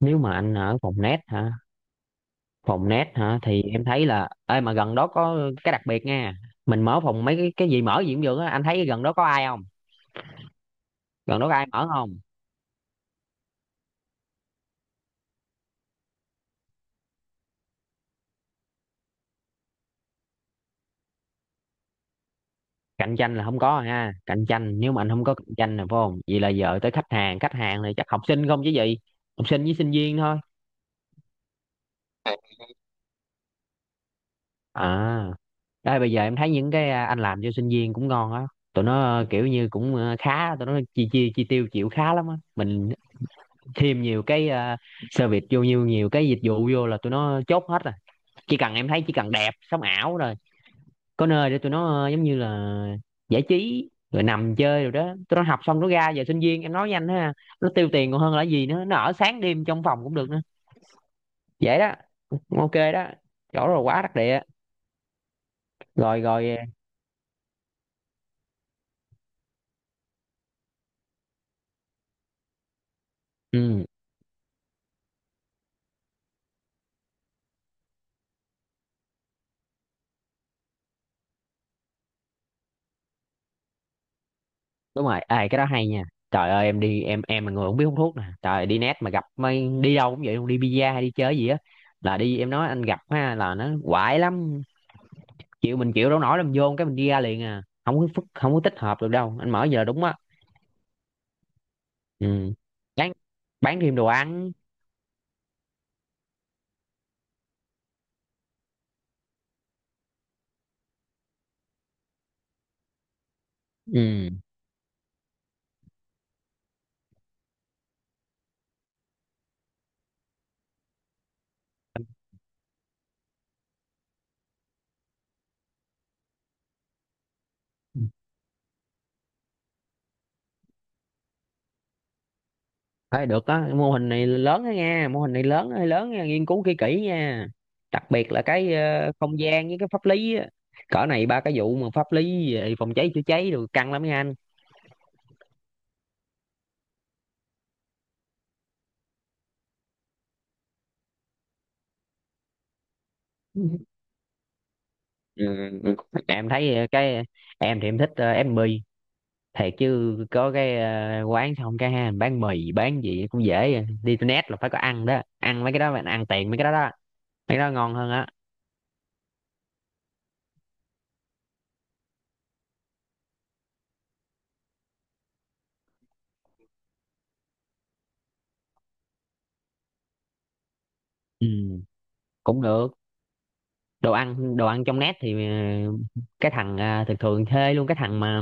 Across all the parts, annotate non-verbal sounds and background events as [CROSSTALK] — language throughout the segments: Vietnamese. Nếu mà anh ở phòng net hả? Phòng net hả thì em thấy là, ê mà gần đó có cái đặc biệt nha. Mình mở phòng mấy cái gì mở gì cũng được á, anh thấy gần đó có ai không? Gần đó có ai mở không? Cạnh tranh là không có ha? Cạnh tranh nếu mà anh không có cạnh tranh là phải không? Vậy là giờ tới khách hàng, khách hàng này chắc học sinh không chứ gì? Học sinh với sinh viên thôi. À, đây bây giờ em thấy những cái anh làm cho sinh viên cũng ngon á. Tụi nó kiểu như cũng khá, tụi nó chi chi chi tiêu chịu khá lắm á. Mình thêm nhiều cái service vô, nhiều nhiều cái dịch vụ vô là tụi nó chốt hết rồi. Chỉ cần em thấy chỉ cần đẹp sống ảo rồi, có nơi để tụi nó giống như là giải trí rồi nằm chơi rồi đó. Tụi nó học xong nó ra, giờ sinh viên em nói với anh ha, nó tiêu tiền còn hơn là gì nữa, nó ở sáng đêm trong phòng cũng được nữa. Vậy đó. Ok đó, chỗ rồi quá đắc địa. Rồi rồi, ừ. Đúng rồi, ê cái đó hay nha. Trời ơi em đi, em là người không biết hút thuốc nè. Trời ơi, đi net mà gặp mấy, đi đâu cũng vậy luôn, đi bida hay đi chơi gì á, là đi em nói anh gặp ha là nó quại lắm. Chịu, mình chịu đâu nổi, làm vô cái mình đi ra liền à, không có không có tích hợp được đâu anh, mở giờ đúng á. Ừ. bán bán thêm đồ ăn. Ừ. Thôi được á, mô hình này lớn đó nha, mô hình này lớn hơi lớn nha, nghiên cứu kỹ kỹ nha. Đặc biệt là cái không gian với cái pháp lý á. Cỡ này ba cái vụ mà pháp lý về phòng cháy chữa cháy rồi căng lắm nha anh. Ừ, ừ. Em thấy cái, em thì em thích ép mì thiệt chứ, có cái quán xong cái ha, bán mì bán gì cũng dễ, đi internet là phải có ăn đó, ăn mấy cái đó bạn ăn tiền mấy cái đó đó. Mấy cái đó ngon hơn á. Ừ, cũng được. Đồ ăn, đồ ăn trong net thì cái thằng thường thường thuê luôn cái thằng mà,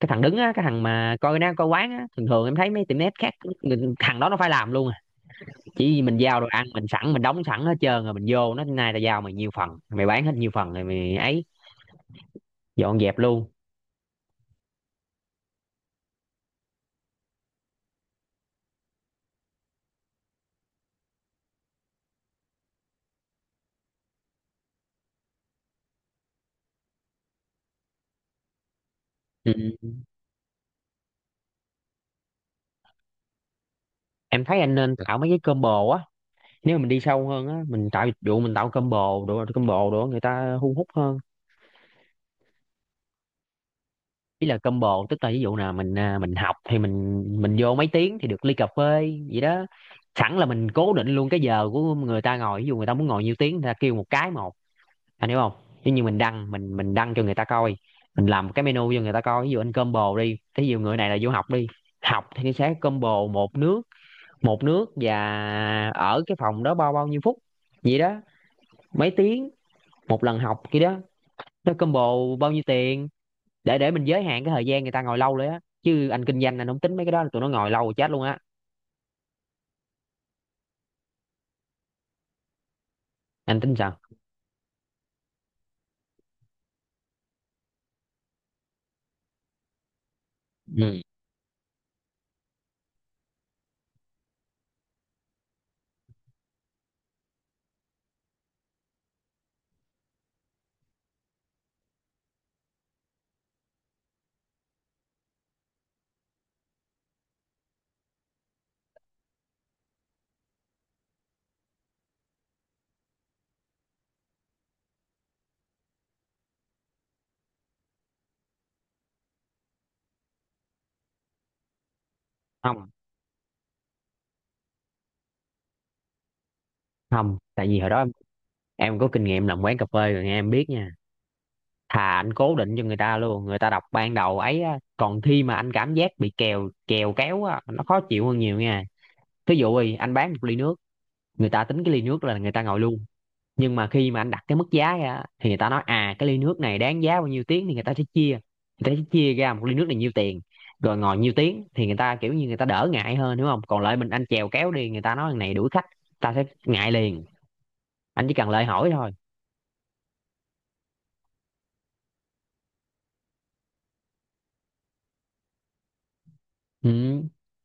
cái thằng đứng á, cái thằng mà coi nó coi quán á, thường thường em thấy mấy tiệm net khác thằng đó nó phải làm luôn à. Chỉ vì mình giao đồ ăn, mình sẵn mình đóng sẵn hết trơn rồi mình vô, nó nay tao giao mày nhiêu phần mày bán hết nhiêu phần rồi mày ấy dọn dẹp luôn. Ừ. Em thấy anh nên, dạ, tạo mấy cái combo á. Nếu mà mình đi sâu hơn á, mình tạo dịch vụ, mình tạo combo đồ, combo đồ người ta thu hút hơn. Ý là combo tức là ví dụ nào mình học thì mình vô mấy tiếng thì được ly cà phê vậy đó. Sẵn là mình cố định luôn cái giờ của người ta ngồi, ví dụ người ta muốn ngồi nhiêu tiếng người ta kêu một cái một, anh hiểu không? Ví như mình đăng, mình đăng cho người ta coi, mình làm cái menu cho người ta coi, ví dụ anh combo đi, ví dụ người này là vô học đi, học thì nó sẽ combo một nước, một nước và ở cái phòng đó bao bao nhiêu phút vậy đó, mấy tiếng một lần học kia đó, nó combo bao nhiêu tiền, để mình giới hạn cái thời gian người ta ngồi lâu đấy á, chứ anh kinh doanh anh không tính mấy cái đó tụi nó ngồi lâu chết luôn á. Anh tính sao? Ừ. Không, không tại vì hồi đó em có kinh nghiệm làm quán cà phê rồi nghe em biết nha. Thà anh cố định cho người ta luôn, người ta đọc ban đầu ấy á, còn khi mà anh cảm giác bị kèo kèo kéo á nó khó chịu hơn nhiều nha. Thí dụ đi, anh bán một ly nước, người ta tính cái ly nước là người ta ngồi luôn. Nhưng mà khi mà anh đặt cái mức giá ra thì người ta nói à, cái ly nước này đáng giá bao nhiêu tiếng thì người ta sẽ chia, người ta sẽ chia ra một ly nước này nhiêu tiền, rồi ngồi nhiêu tiếng thì người ta kiểu như người ta đỡ ngại hơn đúng không? Còn lại mình anh chèo kéo đi người ta nói thằng này đuổi khách, ta sẽ ngại liền. Anh chỉ cần lời hỏi thôi. Ừ.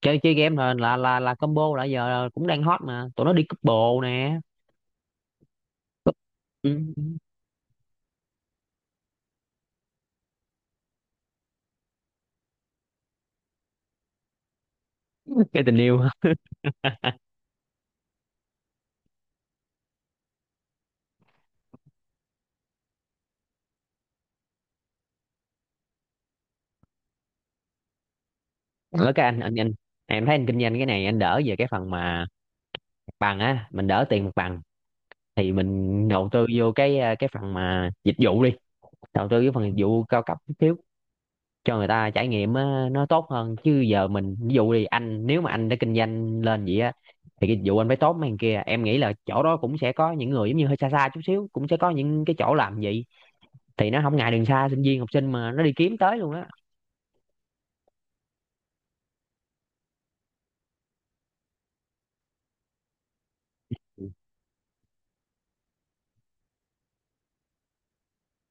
chơi chơi game là combo là giờ cũng đang hot mà tụi nó đi couple nè. Ừ. Cái tình yêu. Ở cái anh em thấy anh kinh doanh cái này anh đỡ về cái phần mà mặt bằng á, mình đỡ tiền mặt bằng, thì mình đầu tư vô cái cái phần mà dịch vụ đi, đầu tư cái phần dịch vụ cao cấp chút xíu cho người ta trải nghiệm á, nó tốt hơn. Chứ giờ mình ví dụ đi anh, nếu mà anh đã kinh doanh lên vậy á thì cái dịch vụ anh phải tốt mấy thằng kia, em nghĩ là chỗ đó cũng sẽ có những người giống như hơi xa xa chút xíu cũng sẽ có những cái chỗ làm vậy, thì nó không ngại đường xa, sinh viên học sinh mà nó đi kiếm tới luôn á.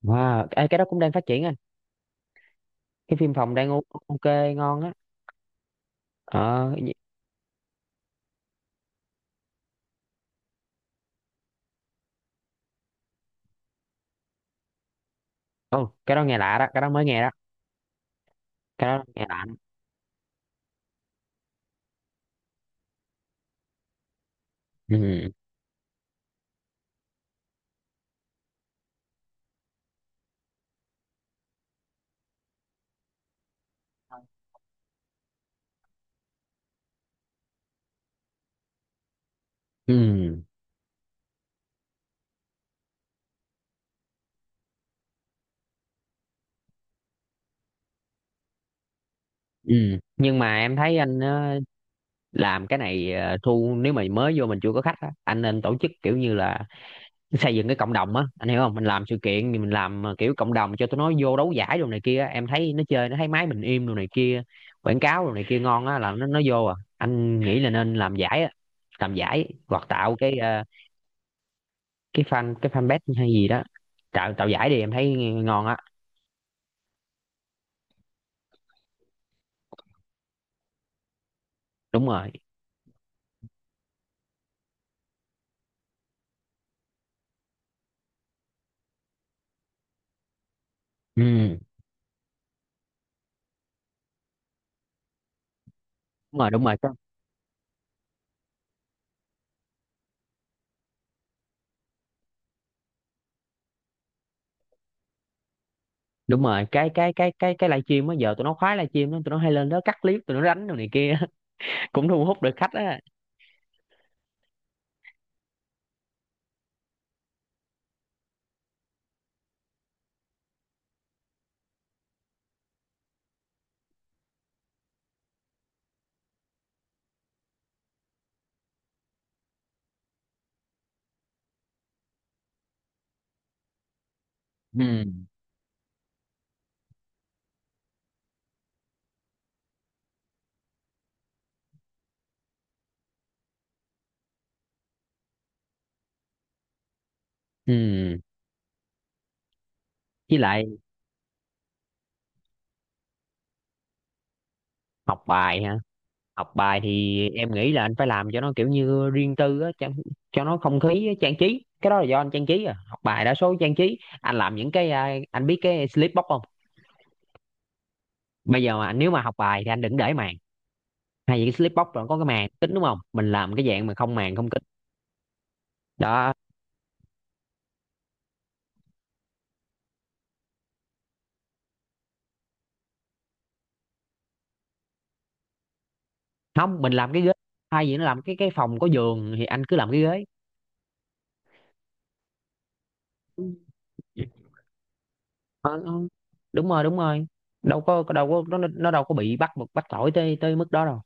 Wow ê, cái đó cũng đang phát triển anh. Cái phim phòng đang ok ngon á. ờ cái gì- Ồ, cái đó nghe lạ đó, cái đó mới nghe đó. Cái đó nghe lạ. Ừ. Ừ. Ừ. Nhưng mà em thấy anh làm cái này thu nếu mà mới vô mình chưa có khách á, anh nên tổ chức kiểu như là xây dựng cái cộng đồng á, anh hiểu không? Mình làm sự kiện thì mình làm kiểu cộng đồng cho tụi nó vô đấu giải đồ này kia á. Em thấy nó chơi nó thấy máy mình im đồ này kia, quảng cáo đồ này kia ngon á là nó vô à. Anh nghĩ là nên làm giải á, làm giải hoặc tạo cái cái fan, cái fanpage hay gì đó. Tạo tạo giải đi em thấy ngon á. Đúng rồi. Ừ. Đúng rồi, đúng rồi. Đúng rồi, cái live stream á, giờ tụi nó khoái live stream đó, tụi nó hay lên đó cắt clip tụi nó đánh đồ này kia [LAUGHS] cũng thu hút được khách á. Ừ. Ừ. Với lại học bài hả? Học bài thì em nghĩ là anh phải làm cho nó kiểu như riêng tư á, cho nó không khí á, trang trí cái đó là do anh trang trí. À học bài đa số trang trí, anh làm những cái anh biết cái slip box không? Bây giờ mà nếu mà học bài thì anh đừng để màn, hay những cái slip box rồi có cái màn kính đúng không, mình làm cái dạng mà không màn không kính đó. Không, mình làm cái ghế hay gì nó, làm cái phòng có giường thì anh cứ làm cái ghế. Ừ. Ờ, ừ. Đúng rồi, đúng rồi. Đâu có nó đâu có bị bắt bắt tội tới tới mức đó đâu.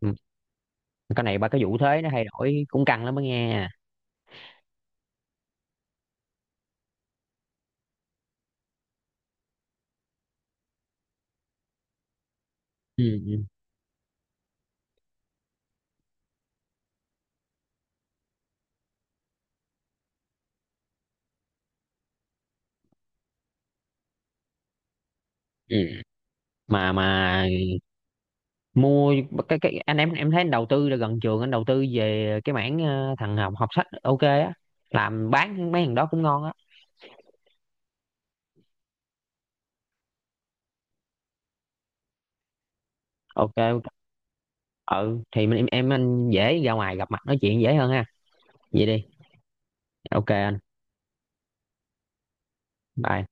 Ừ. Cái này ba cái vụ thuế nó thay đổi cũng căng lắm đó nghe. Ừ. Ừ. Ừ. Mà mua cái anh em thấy anh đầu tư là gần trường, anh đầu tư về cái mảng thằng học học sách ok á, làm bán mấy thằng đó cũng ngon á. Ok ok. Ừ thì mình em anh dễ ra ngoài gặp mặt nói chuyện dễ hơn ha. Vậy đi. Ok anh. Bye.